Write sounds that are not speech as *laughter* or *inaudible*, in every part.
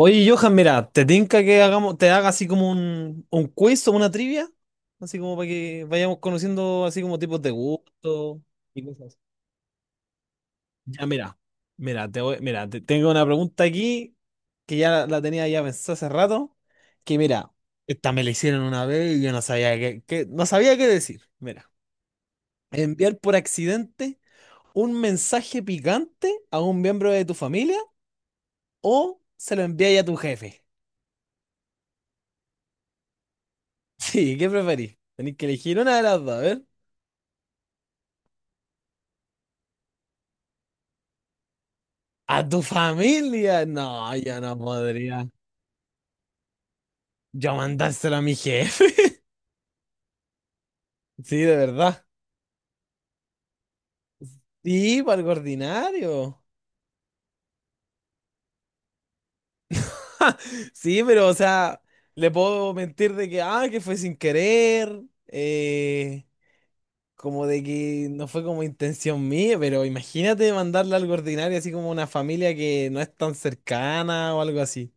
Oye, Johan, mira, ¿te tinca que te haga así como un quiz o una trivia? Así como para que vayamos conociendo así como tipos de gusto y cosas así. Ya, mira, te voy- mira, te- tengo una pregunta aquí que ya la tenía ya pensada hace rato, que mira, esta me la hicieron una vez y yo no sabía no sabía qué decir. Mira, enviar por accidente un mensaje picante a un miembro de tu familia o se lo envías a tu jefe. Sí, ¿qué preferís? Tenéis que elegir una de las dos, a ver. ¿A tu familia? No, yo no podría. Yo mandárselo a mi jefe. *laughs* Sí, de verdad. Y para el ordinario. *laughs* Sí, pero o sea, le puedo mentir de que, ah, que fue sin querer, eh, como de que no fue como intención mía, pero imagínate mandarle algo ordinario, así como una familia que no es tan cercana o algo así.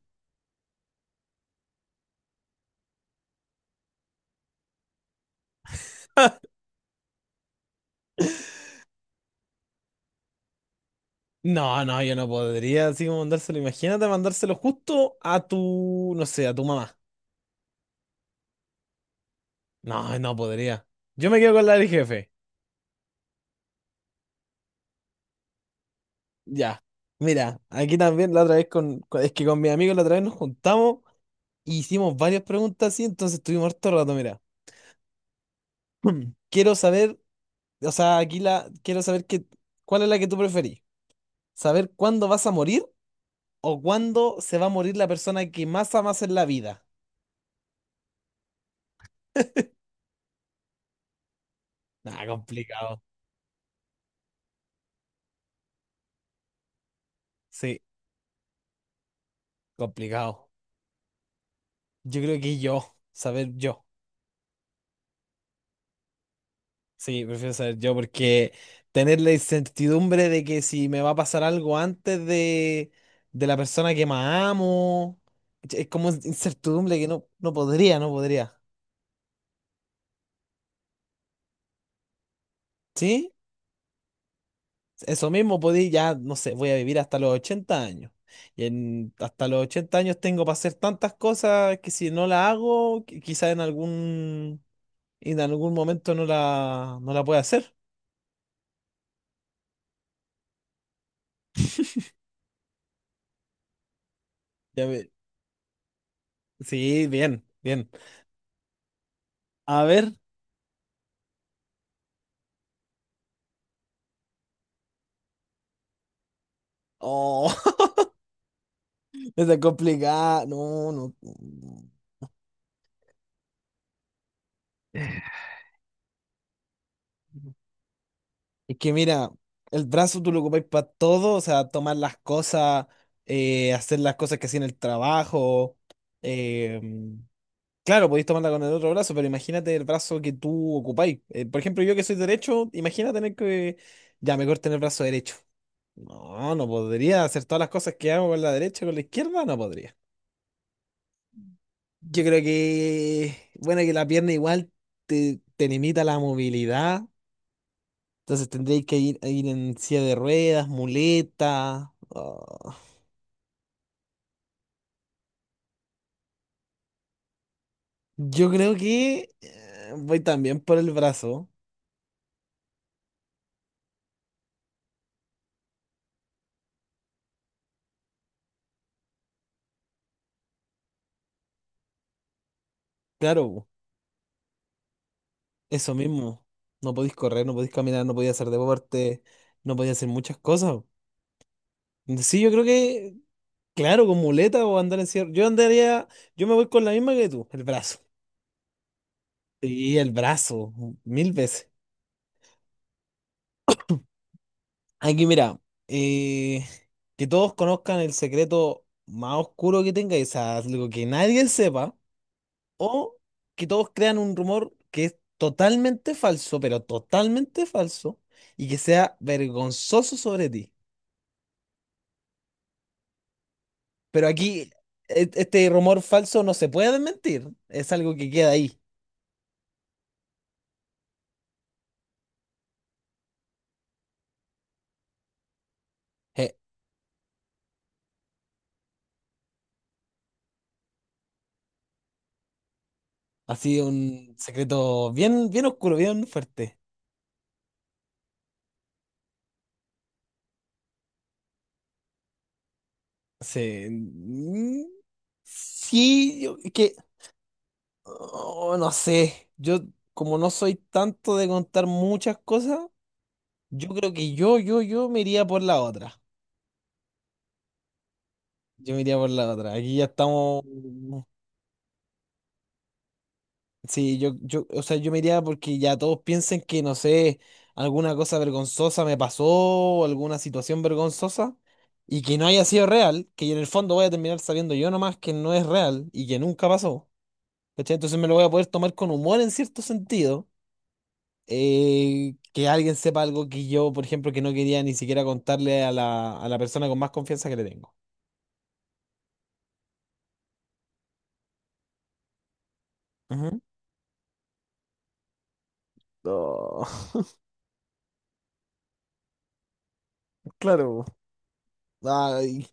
No, no, yo no podría así como mandárselo. Imagínate mandárselo justo a tu, no sé, a tu mamá. No, no podría. Yo me quedo con la del jefe. Ya. Mira, aquí también la otra vez es que con mis amigos la otra vez nos juntamos e hicimos varias preguntas así, entonces estuvimos harto rato, mira. *clears throat* Quiero saber, o sea, quiero saber que, ¿cuál es la que tú preferís? ¿Saber cuándo vas a morir o cuándo se va a morir la persona que más amas en la vida? Ah, complicado. Sí, complicado. Yo creo que yo, saber yo. Sí, prefiero saber yo porque tener la incertidumbre de que si me va a pasar algo antes de la persona que más amo, es como incertidumbre que no, no podría. ¿Sí? Eso mismo podía, ya, no sé, voy a vivir hasta los 80 años. Hasta los 80 años tengo para hacer tantas cosas que si no la hago, quizá en algún momento no la pueda hacer. Ya ve- Sí, bien, bien. A ver. Oh, *laughs* está complicada. No, no. No. Es que mira, el brazo tú lo ocupáis para todo, o sea, tomar las cosas, hacer las cosas que hacía en el trabajo. eh, claro, podéis tomarla con el otro brazo, pero imagínate el brazo que tú ocupáis. Por ejemplo, yo que soy derecho, imagina tener que... Ya, mejor tener el brazo derecho. No, no podría hacer todas las cosas que hago con la derecha, con la izquierda, no podría. Yo creo que, bueno, que la pierna igual te limita la movilidad, entonces tendréis que ir en silla de ruedas, muleta. Ah. Yo creo que voy también por el brazo, claro, po, eso mismo. No podéis correr, no podéis caminar, no podéis hacer deporte, no podéis hacer muchas cosas. Sí, yo creo que, claro, con muleta o andar en silla. Yo me voy con la misma que tú, el brazo. Sí, el brazo, mil veces. Aquí mira, eh, que todos conozcan el secreto más oscuro que tengáis, o sea, algo que nadie sepa, o que todos crean un rumor que es totalmente falso, pero totalmente falso, y que sea vergonzoso sobre ti. Pero aquí este rumor falso no se puede desmentir, es algo que queda ahí. Eh, Ha sido un secreto bien, bien oscuro, bien fuerte. Sí, sí, es que oh, no sé, yo como no soy tanto de contar muchas cosas, yo creo que yo me iría por la otra. Yo me iría por la otra. Aquí ya estamos. Sí, yo, o sea, yo me iría porque ya todos piensen que, no sé, alguna cosa vergonzosa me pasó o alguna situación vergonzosa y que no haya sido real, que en el fondo voy a terminar sabiendo yo nomás que no es real y que nunca pasó. ¿Cachai? Entonces me lo voy a poder tomar con humor en cierto sentido. Que alguien sepa algo que yo, por ejemplo, que no quería ni siquiera contarle a la persona con más confianza que le tengo. Ujú. No, *laughs* claro. Ay,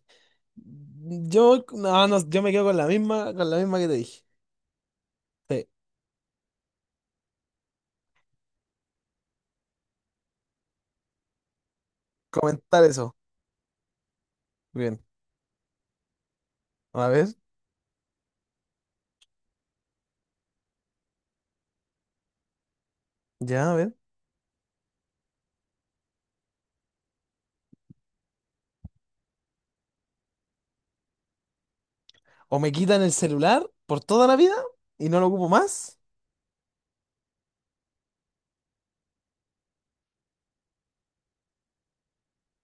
yo, no, no, yo me quedo con la misma que te dije. Sí, comentar eso. Bien. A ver, ya, a ver. O me quitan el celular por toda la vida y no lo ocupo más.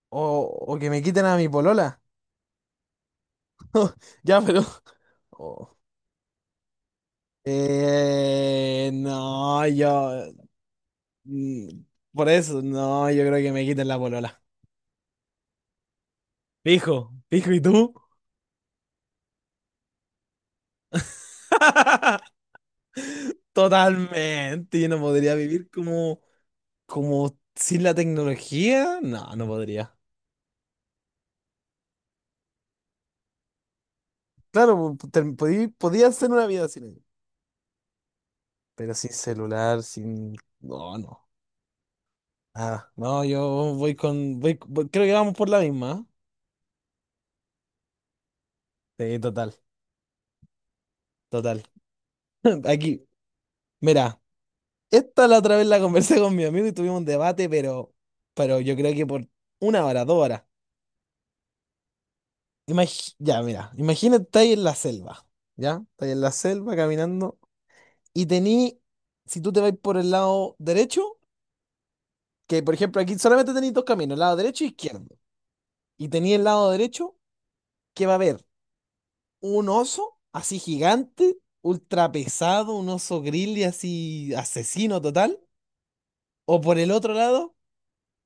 O, o que me quiten a mi polola. Ya, pero. *laughs* Oh. No, yo. Mm, Por eso, no, yo creo que me quiten la polola. Fijo, fijo, ¿y tú? *laughs* Totalmente, yo no podría vivir como sin la tecnología. No, no podría. Claro, podía hacer una vida sin ella, pero sin celular, sin... No, no. Nada. No, yo voy con... voy- voy- creo que vamos por la misma. ¿Eh? Sí, total, total. *laughs* Aquí, mira, esta la otra vez la conversé con mi amigo y tuvimos un debate, pero yo creo que por 1 hora, 2 horas. Ya, mira, imagínate, estáis en la selva, ¿ya? Estáis en la selva caminando y si tú te vas por el lado derecho, que por ejemplo aquí solamente tenéis dos caminos, lado derecho e izquierdo, y tení el lado derecho que va a haber un oso así gigante, ultra pesado, un oso grizzly así asesino total, o por el otro lado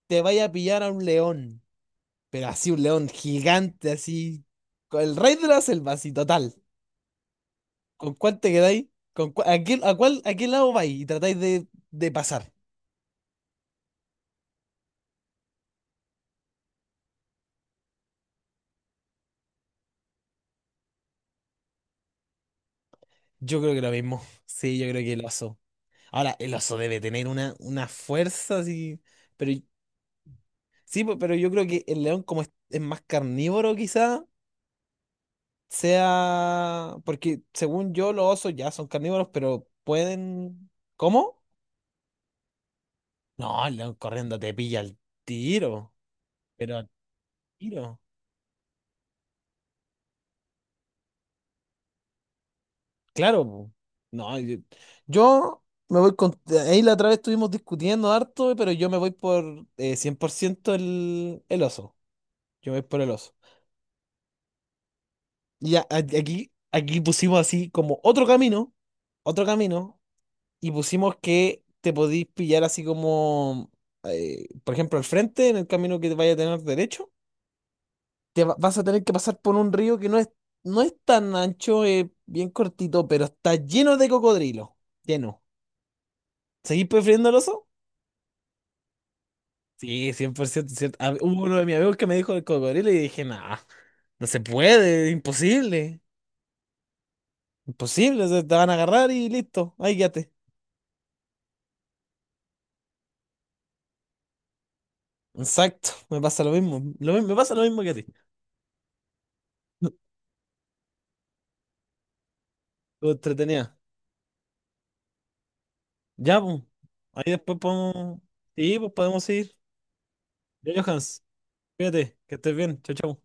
te vaya a pillar a un león, pero así un león gigante, así, con el rey de la selva, así total. ¿Con cuál te quedáis? ¿Con cua- a qué, a cuál, A qué lado vais? Y tratáis de pasar. Yo creo que lo mismo. Sí, yo creo que el oso. Ahora, el oso debe tener una fuerza así. Pero sí, pero yo creo que el león, como es más carnívoro, quizá sea. Porque según yo, los osos ya son carnívoros, pero pueden. ¿Cómo? No, el león corriendo te pilla al tiro. Pero al tiro. Claro, po. No, yo me voy con... Ahí la otra vez estuvimos discutiendo harto, pero yo me voy por 100% el oso. Yo me voy por el oso. Y ya, aquí pusimos así como otro camino, y pusimos que te podís pillar así como, por ejemplo, al frente, en el camino que vaya a tener derecho, vas a tener que pasar por un río que no es tan ancho, bien cortito, pero está lleno de cocodrilo, lleno. ¿Seguís prefiriendo el oso? Sí, 100% cierto. Ah, hubo uno de mis amigos que me dijo el cocodrilo y dije, nah, no se puede, imposible, imposible, o sea, te van a agarrar y listo, ahí quédate. Exacto, me pasa lo mismo, me pasa lo mismo que a ti. *laughs* Lo entretenía. Ya, pues, ahí después podemos, sí, pues podemos ir. Ya, Johans, cuídate, que estés bien, chao, chao.